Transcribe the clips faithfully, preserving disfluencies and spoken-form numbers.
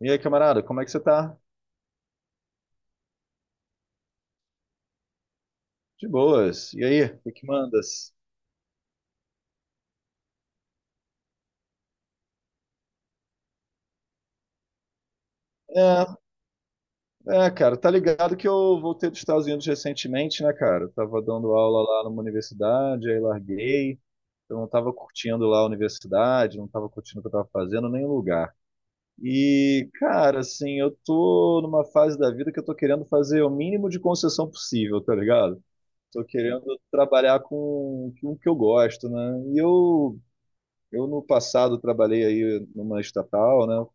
E aí, camarada, como é que você tá? De boas. E aí, o que que mandas? É, é, cara, tá ligado que eu voltei dos Estados Unidos recentemente, né, cara? Eu tava dando aula lá numa universidade, aí larguei. Então, eu não tava curtindo lá a universidade, não tava curtindo o que eu tava fazendo, nem o lugar. E, cara, assim, eu tô numa fase da vida que eu tô querendo fazer o mínimo de concessão possível, tá ligado? Tô querendo trabalhar com, com o que eu gosto, né? E eu, eu no passado trabalhei aí numa estatal, né?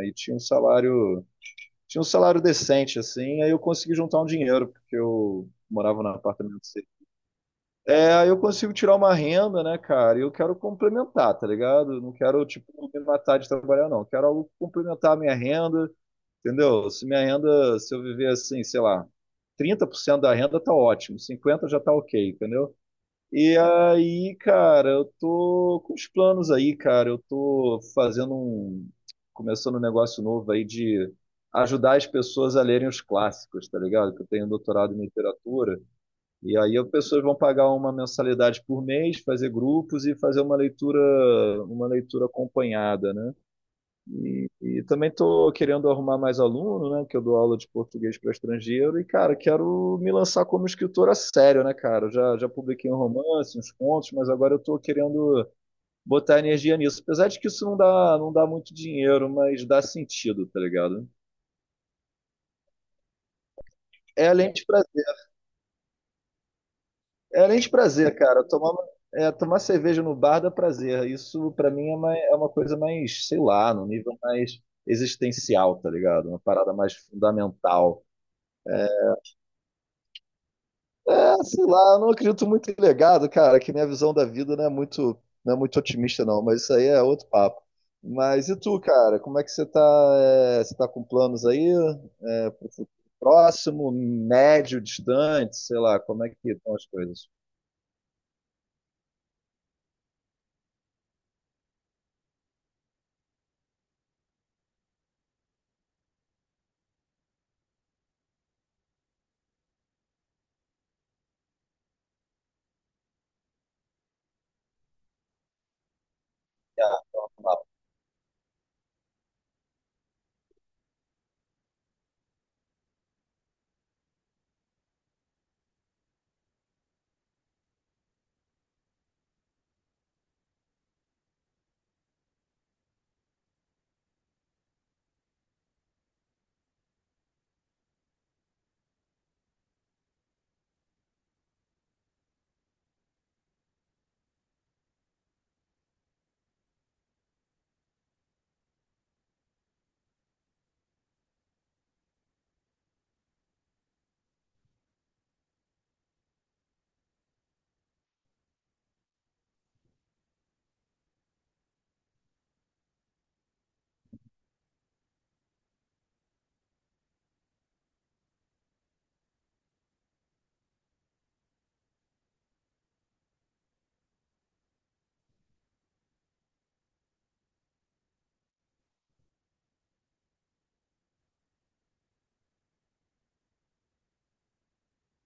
Aí tinha um salário, tinha um salário decente, assim, aí eu consegui juntar um dinheiro, porque eu morava num apartamento C. É, aí eu consigo tirar uma renda, né, cara? E eu quero complementar, tá ligado? Eu não quero, tipo, me matar de trabalhar, não. Eu quero algo que complementar a minha renda, entendeu? Se minha renda, Se eu viver assim, sei lá, trinta por cento da renda tá ótimo, cinquenta por cento já tá ok, entendeu? E aí, cara, eu tô com os planos aí, cara. Eu tô fazendo um. Começando um negócio novo aí de ajudar as pessoas a lerem os clássicos, tá ligado? Que eu tenho doutorado em literatura. E aí as pessoas vão pagar uma mensalidade por mês, fazer grupos e fazer uma leitura, uma leitura acompanhada, né? E, e também estou querendo arrumar mais aluno, né? Que eu dou aula de português para estrangeiro. E, cara, quero me lançar como escritor a sério, né, cara? Eu Já, já publiquei um romance, uns contos, mas agora eu estou querendo botar energia nisso. Apesar de que isso não dá, não dá muito dinheiro, mas dá sentido, tá ligado? É além de prazer. É além de prazer, cara. Tomar, é, tomar cerveja no bar dá prazer. Isso, pra mim, é uma, é uma, coisa mais, sei lá, no nível mais existencial, tá ligado? Uma parada mais fundamental. Ah, sei lá, eu não acredito muito em legado, cara, que minha visão da vida não é muito, não é muito otimista, não, mas isso aí é outro papo. Mas e tu, cara, como é que você tá? É, você tá com planos aí? É, pro futuro próximo, médio, distante, sei lá, como é que estão as coisas? Ah, papo.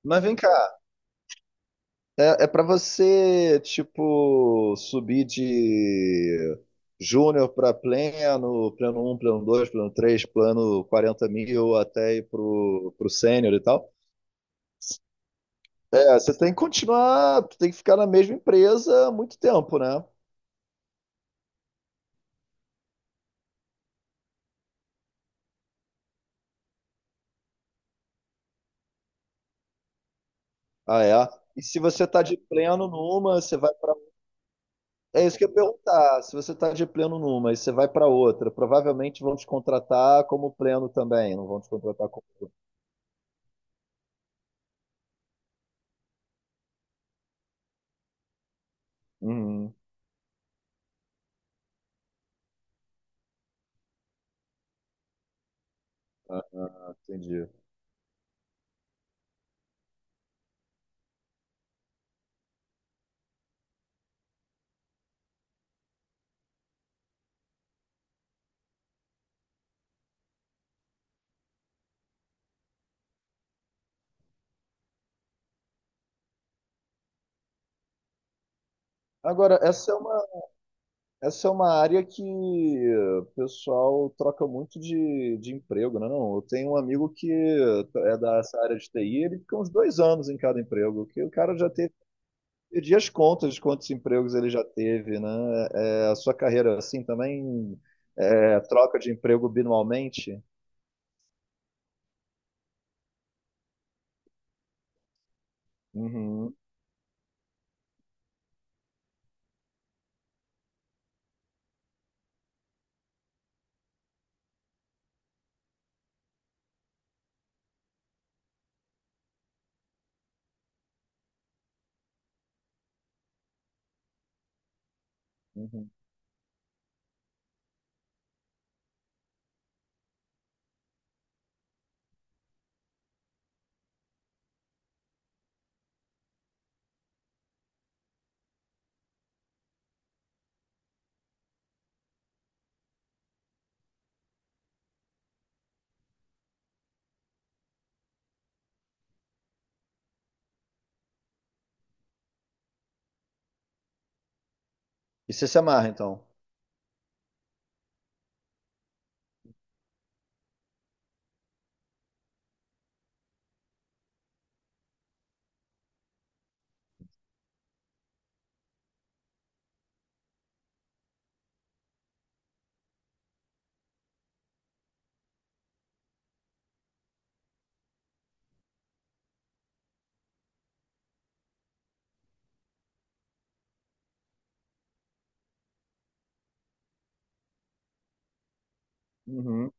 Mas vem cá, é, é para você, tipo, subir de júnior para pleno, pleno um pleno dois pleno três plano quarenta mil, até ir pro, pro sênior e tal? É, você tem que continuar, tem que ficar na mesma empresa há muito tempo, né? Ah, é. E se você tá de pleno numa, você vai para. É isso que eu ia perguntar. Se você tá de pleno numa e você vai para outra, provavelmente vão te contratar como pleno também, não vão te contratar como. Uhum. Ah, entendi. Agora, essa é uma, essa é uma área que o pessoal troca muito de, de emprego, né? Não, eu tenho um amigo que é dessa área de T I, ele fica uns dois anos em cada emprego, que o cara já teve perdi as contas de quantos empregos ele já teve, né? É, a sua carreira, assim, também é, troca de emprego binualmente? Uhum, uhum. E você se amarra, então? Uhum,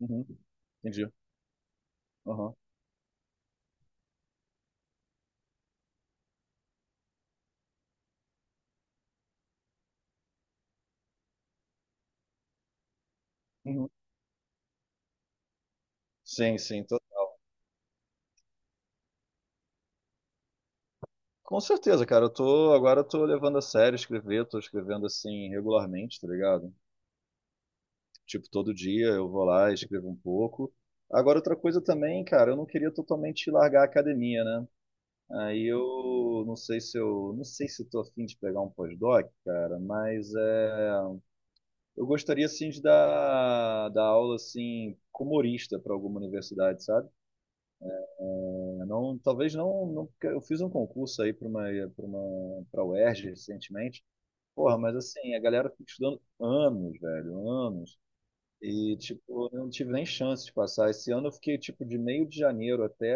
uhum. Entendi. Aham. Uhum. Sim, sim. tô- Com certeza, cara. Eu tô, agora eu tô levando a sério escrever, tô escrevendo assim regularmente, tá ligado? Tipo, todo dia eu vou lá e escrevo um pouco. Agora, outra coisa também, cara, eu não queria totalmente largar a academia, né? Aí eu não sei se eu não sei se eu tô afim de pegar um pós-doc, cara, mas é, eu gostaria assim de dar, dar aula assim como humorista para alguma universidade, sabe? É, não, talvez não, não, porque eu fiz um concurso aí para uma para uma para a UERJ recentemente. Porra, mas assim, a galera fica estudando anos, velho, anos. E, tipo, eu não tive nem chance de passar. Esse ano eu fiquei, tipo, de meio de janeiro até,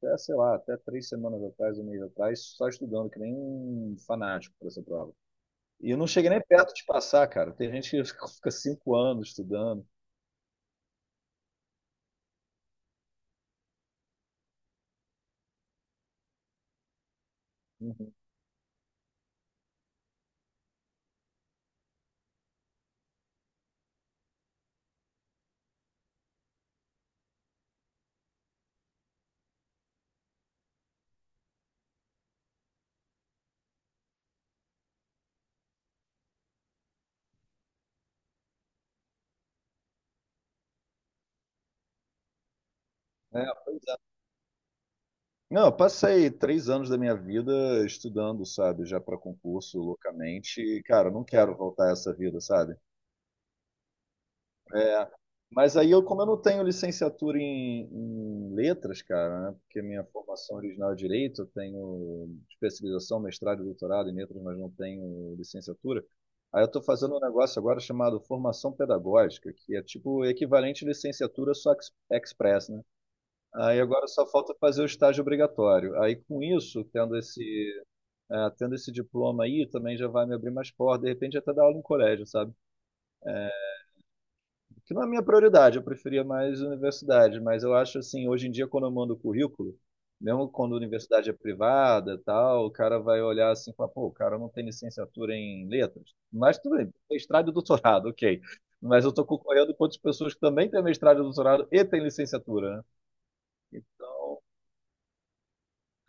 até, sei lá, até três semanas atrás, um mês atrás, só estudando, que nem um fanático para essa prova. E eu não cheguei nem perto de passar, cara. Tem gente que fica cinco anos estudando. Uhum. É. Não, eu passei três anos da minha vida estudando, sabe, já para concurso loucamente. E, cara, eu não quero voltar a essa vida, sabe? É, mas aí eu, como eu não tenho licenciatura em, em letras, cara, né? Porque minha formação original é direito, eu tenho especialização, mestrado e doutorado em letras, mas não tenho licenciatura. Aí eu estou fazendo um negócio agora chamado formação pedagógica, que é tipo o equivalente à licenciatura só ex- express, né? Aí agora só falta fazer o estágio obrigatório. Aí com isso, tendo esse, eh, tendo esse diploma aí, também já vai me abrir mais portas, de repente até dar aula em colégio, sabe? Que não é a minha prioridade, eu preferia mais universidade, mas eu acho assim, hoje em dia, quando eu mando currículo, mesmo quando a universidade é privada tal, o cara vai olhar assim e falar, pô, o cara não tem licenciatura em letras, mas tudo bem, mestrado e doutorado, ok. Mas eu estou concorrendo com outras pessoas que também têm mestrado e doutorado e têm licenciatura, né?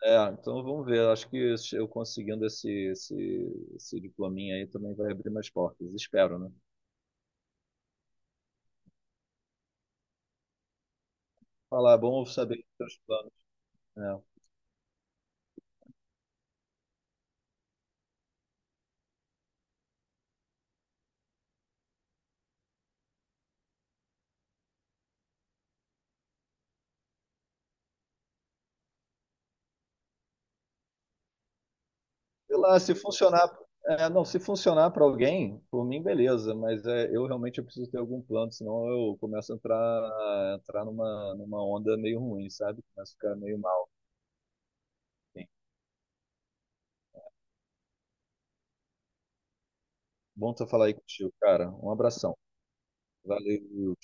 É, então vamos ver. Acho que eu conseguindo esse, esse, esse diplominha aí também vai abrir mais portas. Espero, né? Falar, "É bom saber dos teus planos. Né? Sei lá, se funcionar, é, não, se funcionar para alguém, por mim, beleza, mas é, eu realmente eu preciso ter algum plano, senão eu começo a entrar, entrar numa, numa onda meio ruim, sabe? Começo a ficar meio mal. Assim. Bom tu falar aí contigo, cara. Um abração. Valeu.